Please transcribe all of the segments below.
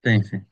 Tem, sim.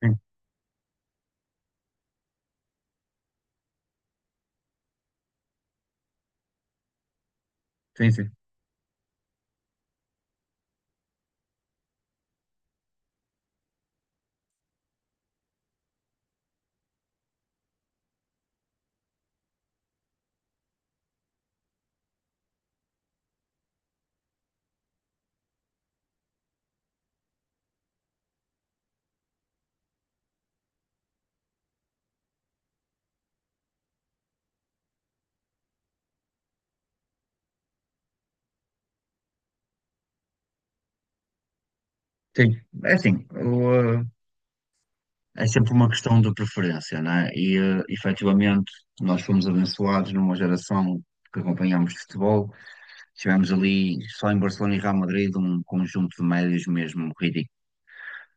Tem, tem, sim. Tem. É assim, é sempre uma questão de preferência, não é? E, efetivamente, nós fomos abençoados numa geração que acompanhámos futebol. Tivemos ali, só em Barcelona e Real Madrid, um conjunto de médios mesmo ridículo.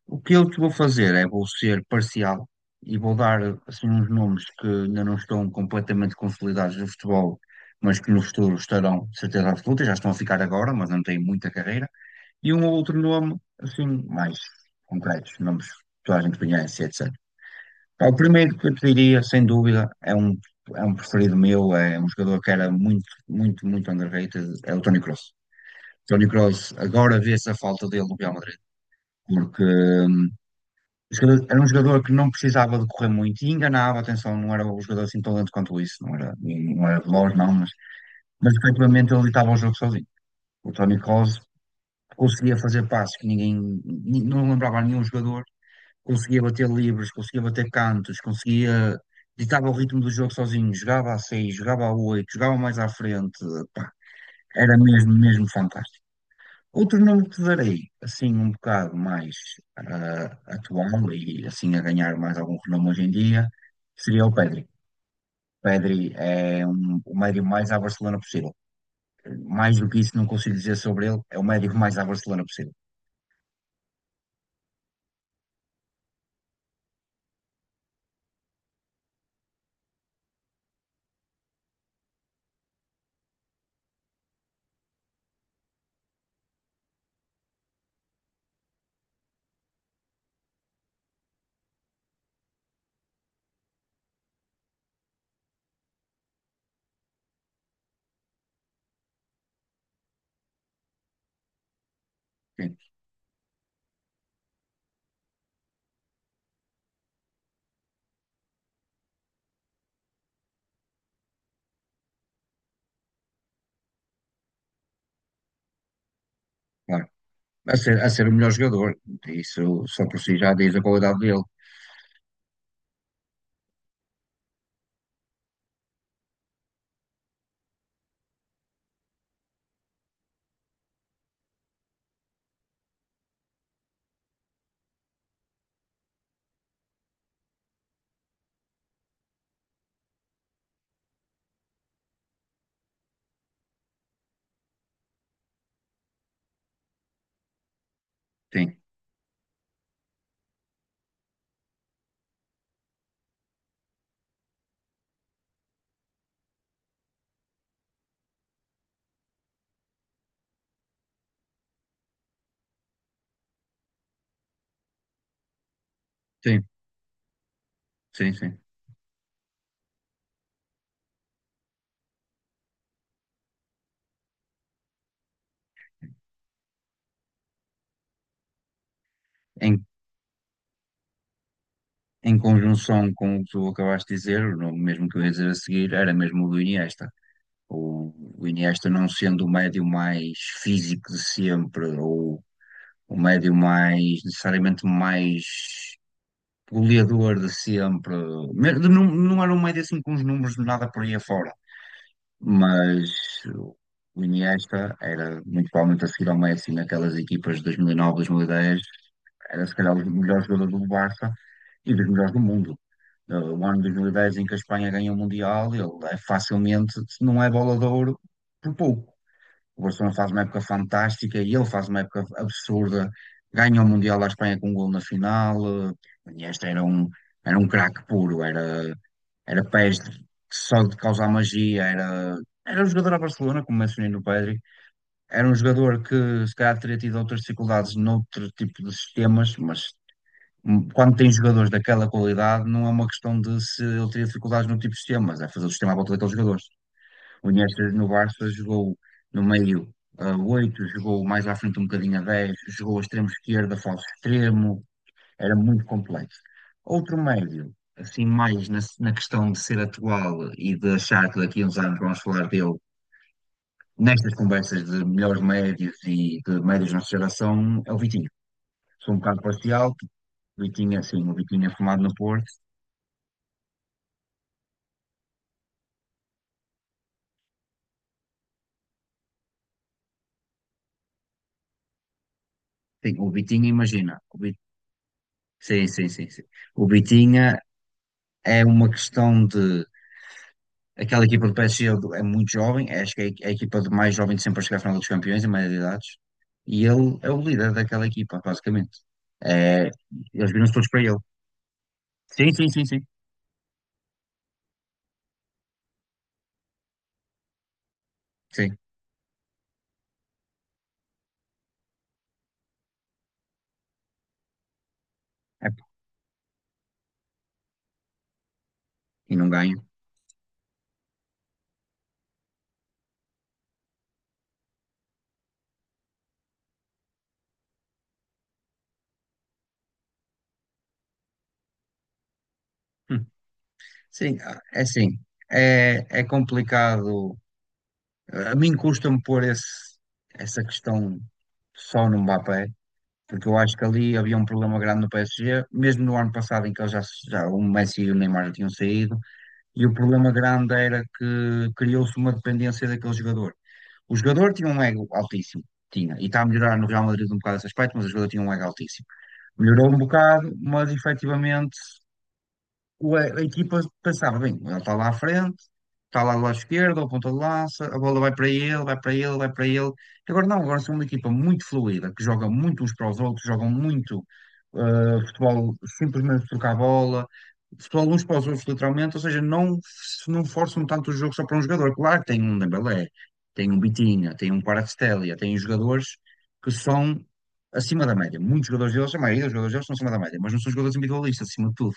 O que eu te vou fazer é, vou ser parcial e vou dar, assim, uns nomes que ainda não estão completamente consolidados no futebol, mas que no futuro estarão, de certeza absoluta, já estão a ficar agora, mas não têm muita carreira. E um ou outro nome, assim, mais concretos, nomes que toda a gente conhece, etc. Pá, o primeiro que eu te diria, sem dúvida, é um preferido meu, é um jogador que era muito, muito, muito underrated, é o Toni Kroos. Toni Kroos, agora vê-se a falta dele no Real Madrid, porque era um jogador que não precisava de correr muito e enganava, atenção, não era um jogador assim tão lento quanto isso, não era veloz, não, mas efetivamente ele estava ao jogo sozinho. O Toni Kroos conseguia fazer passos que ninguém, não lembrava nenhum jogador, conseguia bater livres, conseguia bater cantos, conseguia ditava o ritmo do jogo sozinho, jogava a seis, jogava a oito, jogava mais à frente, pá, era mesmo, mesmo fantástico. Outro nome que te darei, assim um bocado mais atual e assim a ganhar mais algum renome hoje em dia, seria o Pedri. Pedri o médio mais à Barcelona possível. Mais do que isso não consigo dizer sobre ele, é o médio mais à Barcelona possível. Sim, claro. A ser o melhor jogador, isso só por si já diz a qualidade dele. Sim, sim, sim, sim. Em, em conjunção com o que tu acabaste de dizer, o nome mesmo que eu ia dizer a seguir era mesmo o do Iniesta. O Iniesta não sendo o médio mais físico de sempre, ou o médio mais, necessariamente mais goleador de sempre. Não, não era um médio assim com os números de nada por aí afora, mas o Iniesta era muito provavelmente a seguir ao Messi naquelas equipas de 2009, 2010. Era se calhar o melhor jogador do Barça e dos melhores do mundo. O ano de 2010 em que a Espanha ganha o Mundial, ele é facilmente, se não é bola de ouro, por pouco. O Barcelona faz uma época fantástica e ele faz uma época absurda. Ganha o Mundial da Espanha com um gol na final. O Iniesta era um craque puro, era peste, só de causar magia, era um jogador a Barcelona, como mencionei no Pedri. Era um jogador que se calhar teria tido outras dificuldades noutro tipo de sistemas, mas quando tem jogadores daquela qualidade, não é uma questão de se ele teria dificuldades no tipo de sistema, mas é fazer o sistema à volta daqueles jogadores. O Iniesta no Barça jogou no meio a 8, jogou mais à frente um bocadinho a 10, jogou a extremo esquerda, falso extremo, era muito complexo. Outro médio, assim, mais na, na questão de ser atual e de achar que daqui a uns anos vamos falar dele nestas conversas de melhores médios e de médios da nossa geração, é o Vitinho. Sou um bocado parcial, porque o Vitinho, assim, o Vitinho é formado no Porto. Sim, o Vitinha, imagina. Sim, sim, sim, sim. O Vitinha é uma questão de. Aquela equipa do PSG é muito jovem, é, acho que é a equipa de mais jovem de sempre a chegar à final dos campeões, em maioria de idades. E ele é o líder daquela equipa, basicamente. É, eles viram-se todos para ele. Sim, sim, sim, sim. Sim. É, e não ganha. Hum. Sim, ah, é assim. É, é complicado. A mim custa-me pôr essa questão só no Mbappé, porque eu acho que ali havia um problema grande no PSG, mesmo no ano passado em que eles já o Messi e o Neymar já tinham saído, e o problema grande era que criou-se uma dependência daquele jogador. O jogador tinha um ego altíssimo, tinha, e está a melhorar no Real Madrid um bocado esse aspecto, mas o jogador tinha um ego altíssimo. Melhorou um bocado, mas efetivamente a equipa pensava, bem, ele está lá à frente, está lá do lado esquerdo, ao ponta de lança, a bola vai para ele, vai para ele, vai para ele. Agora não, agora são uma equipa muito fluida, que joga muito uns para os outros, jogam muito futebol, simplesmente trocar a bola, futebol uns para os outros, literalmente, ou seja, não, não forçam tanto o jogo só para um jogador. Claro que tem um Dembélé, tem um Bitinha, tem um Kvaratskhelia, tem jogadores que são acima da média. Muitos jogadores deles, a maioria dos jogadores deles são acima da média, mas não são jogadores individualistas, acima de tudo.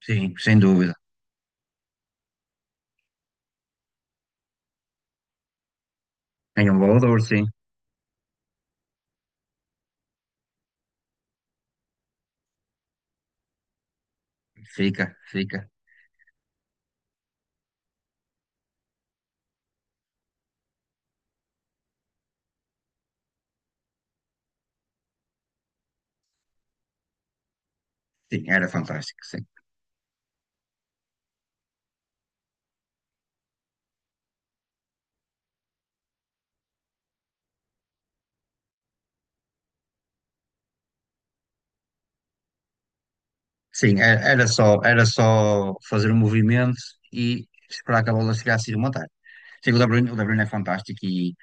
Sim, sem dúvida. Em um Waldorf, sim. Fica, fica. Sim, era fantástico, sim. Sim, era, era só fazer o movimento e esperar que a bola chegasse e rematar. Sim, o De Bruyne é fantástico e,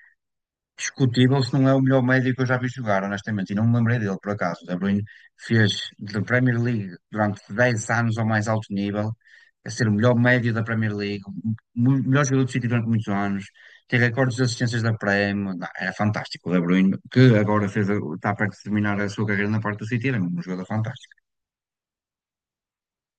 discutível se não é o melhor médio que eu já vi jogar, honestamente, e não me lembrei dele, por acaso. O De Bruyne fez da Premier League durante 10 anos ao mais alto nível, a ser o melhor médio da Premier League, o melhor jogador do City durante muitos anos, tem recordes de assistências da Prem, não, era fantástico. O De Bruyne, que agora fez, está perto de terminar a sua carreira na parte do City, era um jogador fantástico.